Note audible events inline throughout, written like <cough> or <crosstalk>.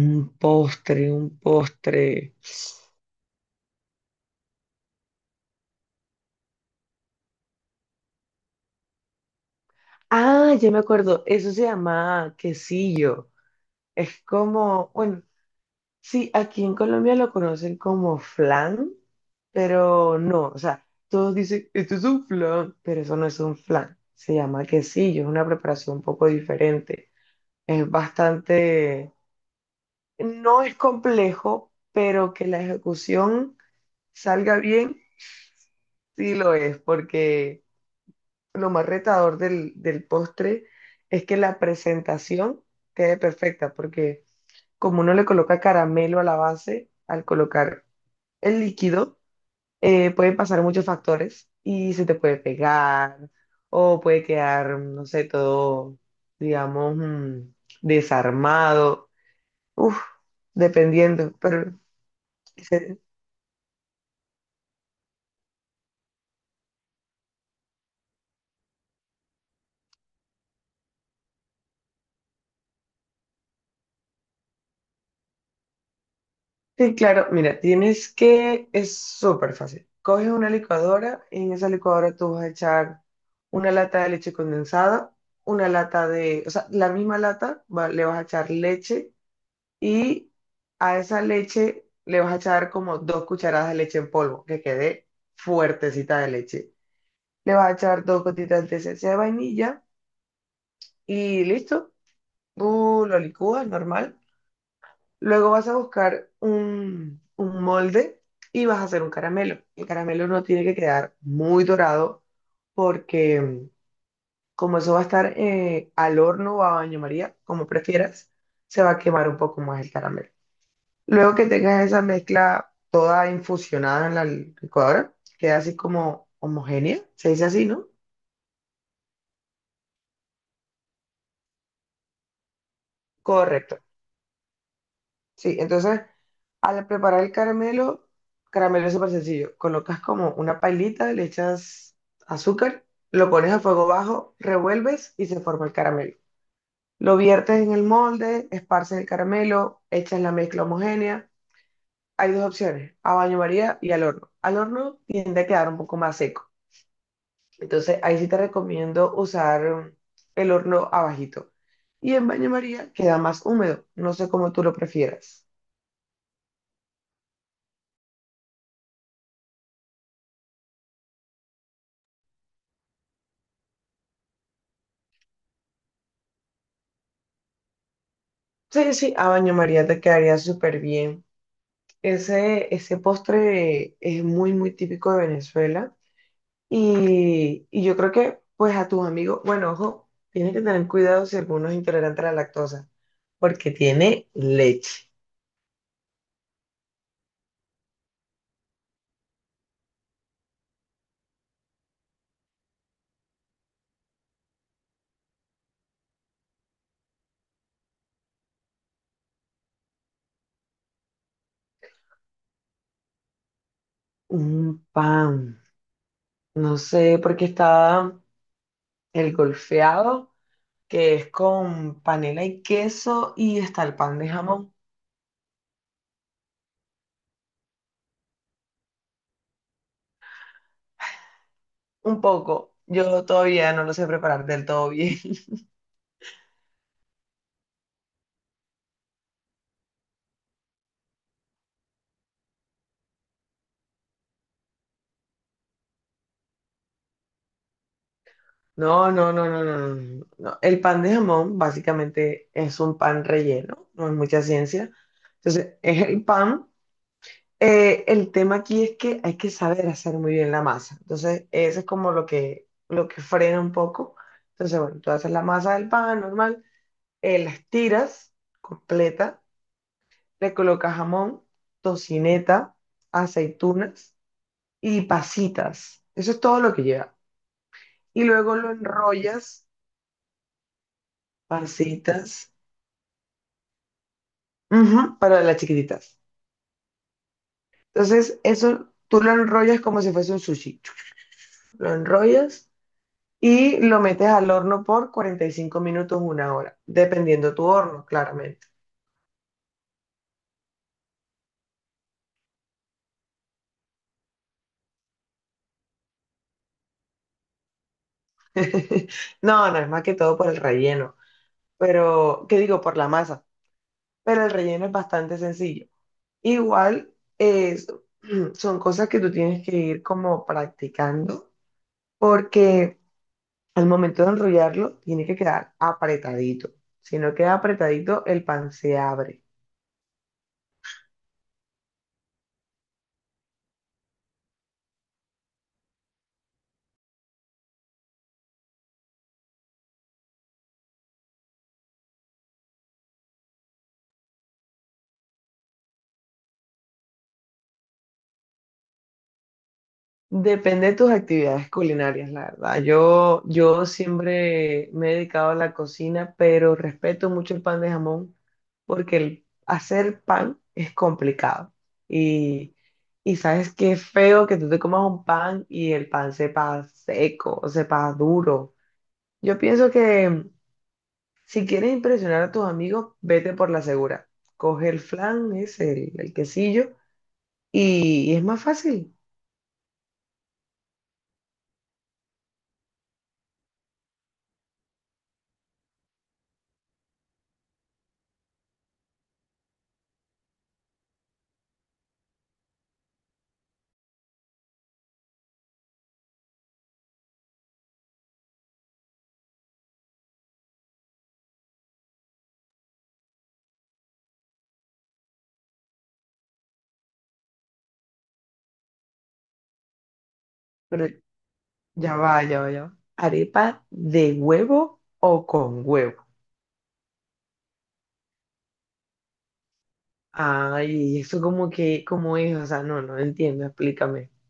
Un postre, un postre. Ah, ya me acuerdo, eso se llama quesillo. Es como, bueno, sí, aquí en Colombia lo conocen como flan, pero no, o sea, todos dicen, esto es un flan, pero eso no es un flan. Se llama quesillo, es una preparación un poco diferente. Es bastante, no es complejo, pero que la ejecución salga bien, sí lo es, porque lo más retador del postre es que la presentación quede perfecta, porque como uno le coloca caramelo a la base, al colocar el líquido, pueden pasar muchos factores y se te puede pegar o puede quedar, no sé, todo, digamos, desarmado. Uf, dependiendo, pero sí, claro, mira, tienes es súper fácil. Coges una licuadora y en esa licuadora tú vas a echar una lata de leche condensada, una lata de, o sea, la misma lata, le vas a echar leche y a esa leche le vas a echar como dos cucharadas de leche en polvo, que quede fuertecita de leche. Le vas a echar dos gotitas de esencia de vainilla y listo. Tú lo licúas normal. Luego vas a buscar un molde y vas a hacer un caramelo. El caramelo no tiene que quedar muy dorado porque como eso va a estar al horno o a baño María, como prefieras, se va a quemar un poco más el caramelo. Luego que tengas esa mezcla toda infusionada en la licuadora, queda así como homogénea, se dice así, ¿no? Correcto. Sí, entonces al preparar el caramelo, caramelo es súper sencillo. Colocas como una pailita, le echas azúcar, lo pones a fuego bajo, revuelves y se forma el caramelo. Lo viertes en el molde, esparces el caramelo, echas la mezcla homogénea. Hay dos opciones, a baño María y al horno. Al horno tiende a quedar un poco más seco. Entonces ahí sí te recomiendo usar el horno abajito. Y en baño María queda más húmedo. No sé cómo tú lo prefieras. Sí, sí, a baño María te quedaría súper bien. Ese postre es muy, muy típico de Venezuela. Y yo creo que, pues, a tus amigos, bueno, ojo, tienes que tener cuidado si alguno es intolerante a la lactosa, porque tiene leche, un pan, no sé, porque está el golfeado, que es con panela y queso y está el pan de jamón. Un poco. Yo todavía no lo sé preparar del todo bien. <laughs> No, no, no, no, no, no, no, no. El pan de jamón básicamente es un pan relleno, no es mucha ciencia. Entonces, es el pan. El tema aquí es que hay que saber hacer muy bien la masa. Entonces, eso es como lo que frena un poco. Entonces, bueno, tú haces la masa del pan normal, la estiras completa, le colocas jamón, tocineta, aceitunas y pasitas. Eso es todo lo que lleva. Y luego lo enrollas, pasitas, ujú, para las chiquititas. Entonces, eso tú lo enrollas como si fuese un sushi. Lo enrollas y lo metes al horno por 45 minutos, una hora, dependiendo tu horno, claramente. <laughs> No, no es más que todo por el relleno, pero, ¿qué digo? Por la masa. Pero el relleno es bastante sencillo. Igual es, <clears throat> son cosas que tú tienes que ir como practicando porque al momento de enrollarlo tiene que quedar apretadito. Si no queda apretadito, el pan se abre. Depende de tus actividades culinarias, la verdad. Yo siempre me he dedicado a la cocina, pero respeto mucho el pan de jamón porque el hacer pan es complicado. Y, y sabes qué feo que tú te comas un pan y el pan sepa seco o sepa duro. Yo pienso que si quieres impresionar a tus amigos, vete por la segura. Coge el flan, es el quesillo, y es más fácil. Ya va, ya va, ya va. ¿Arepa de huevo o con huevo? Ay, eso como que, ¿cómo es? O sea, no, no entiendo, explícame. <laughs>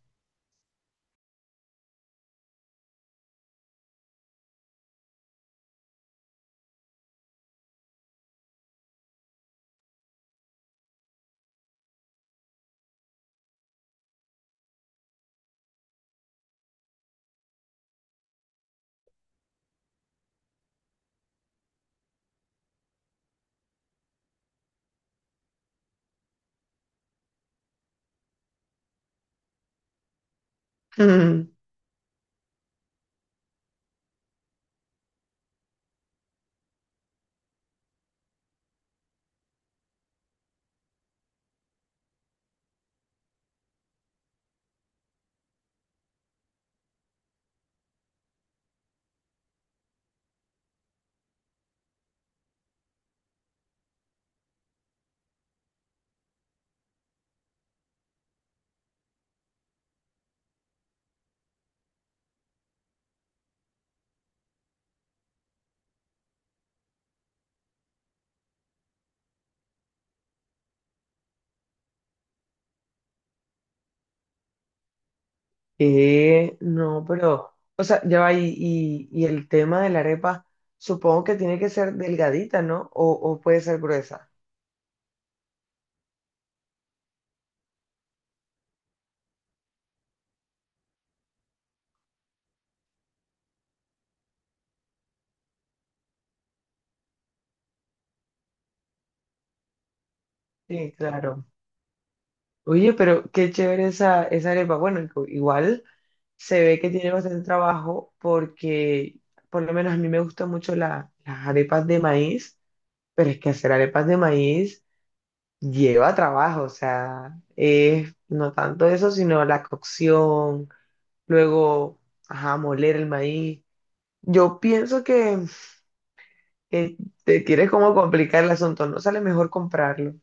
Mm. No, pero, o sea, ya va, y el tema de la arepa, supongo que tiene que ser delgadita, ¿no? O puede ser gruesa. Sí, claro. Oye, pero qué chévere esa, esa arepa. Bueno, igual se ve que tiene bastante trabajo porque, por lo menos a mí me gustan mucho las arepas de maíz. Pero es que hacer arepas de maíz lleva trabajo, o sea, es no tanto eso, sino la cocción, luego, ajá, moler el maíz. Yo pienso que te quieres como complicar el asunto, no sale mejor comprarlo.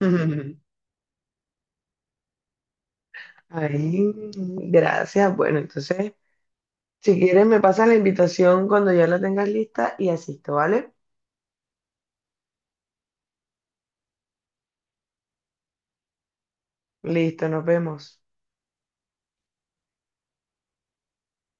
<laughs> Ay, gracias. Bueno, entonces, si quieres, me pasas la invitación cuando ya la tengas lista y asisto, ¿vale? Listo, nos vemos.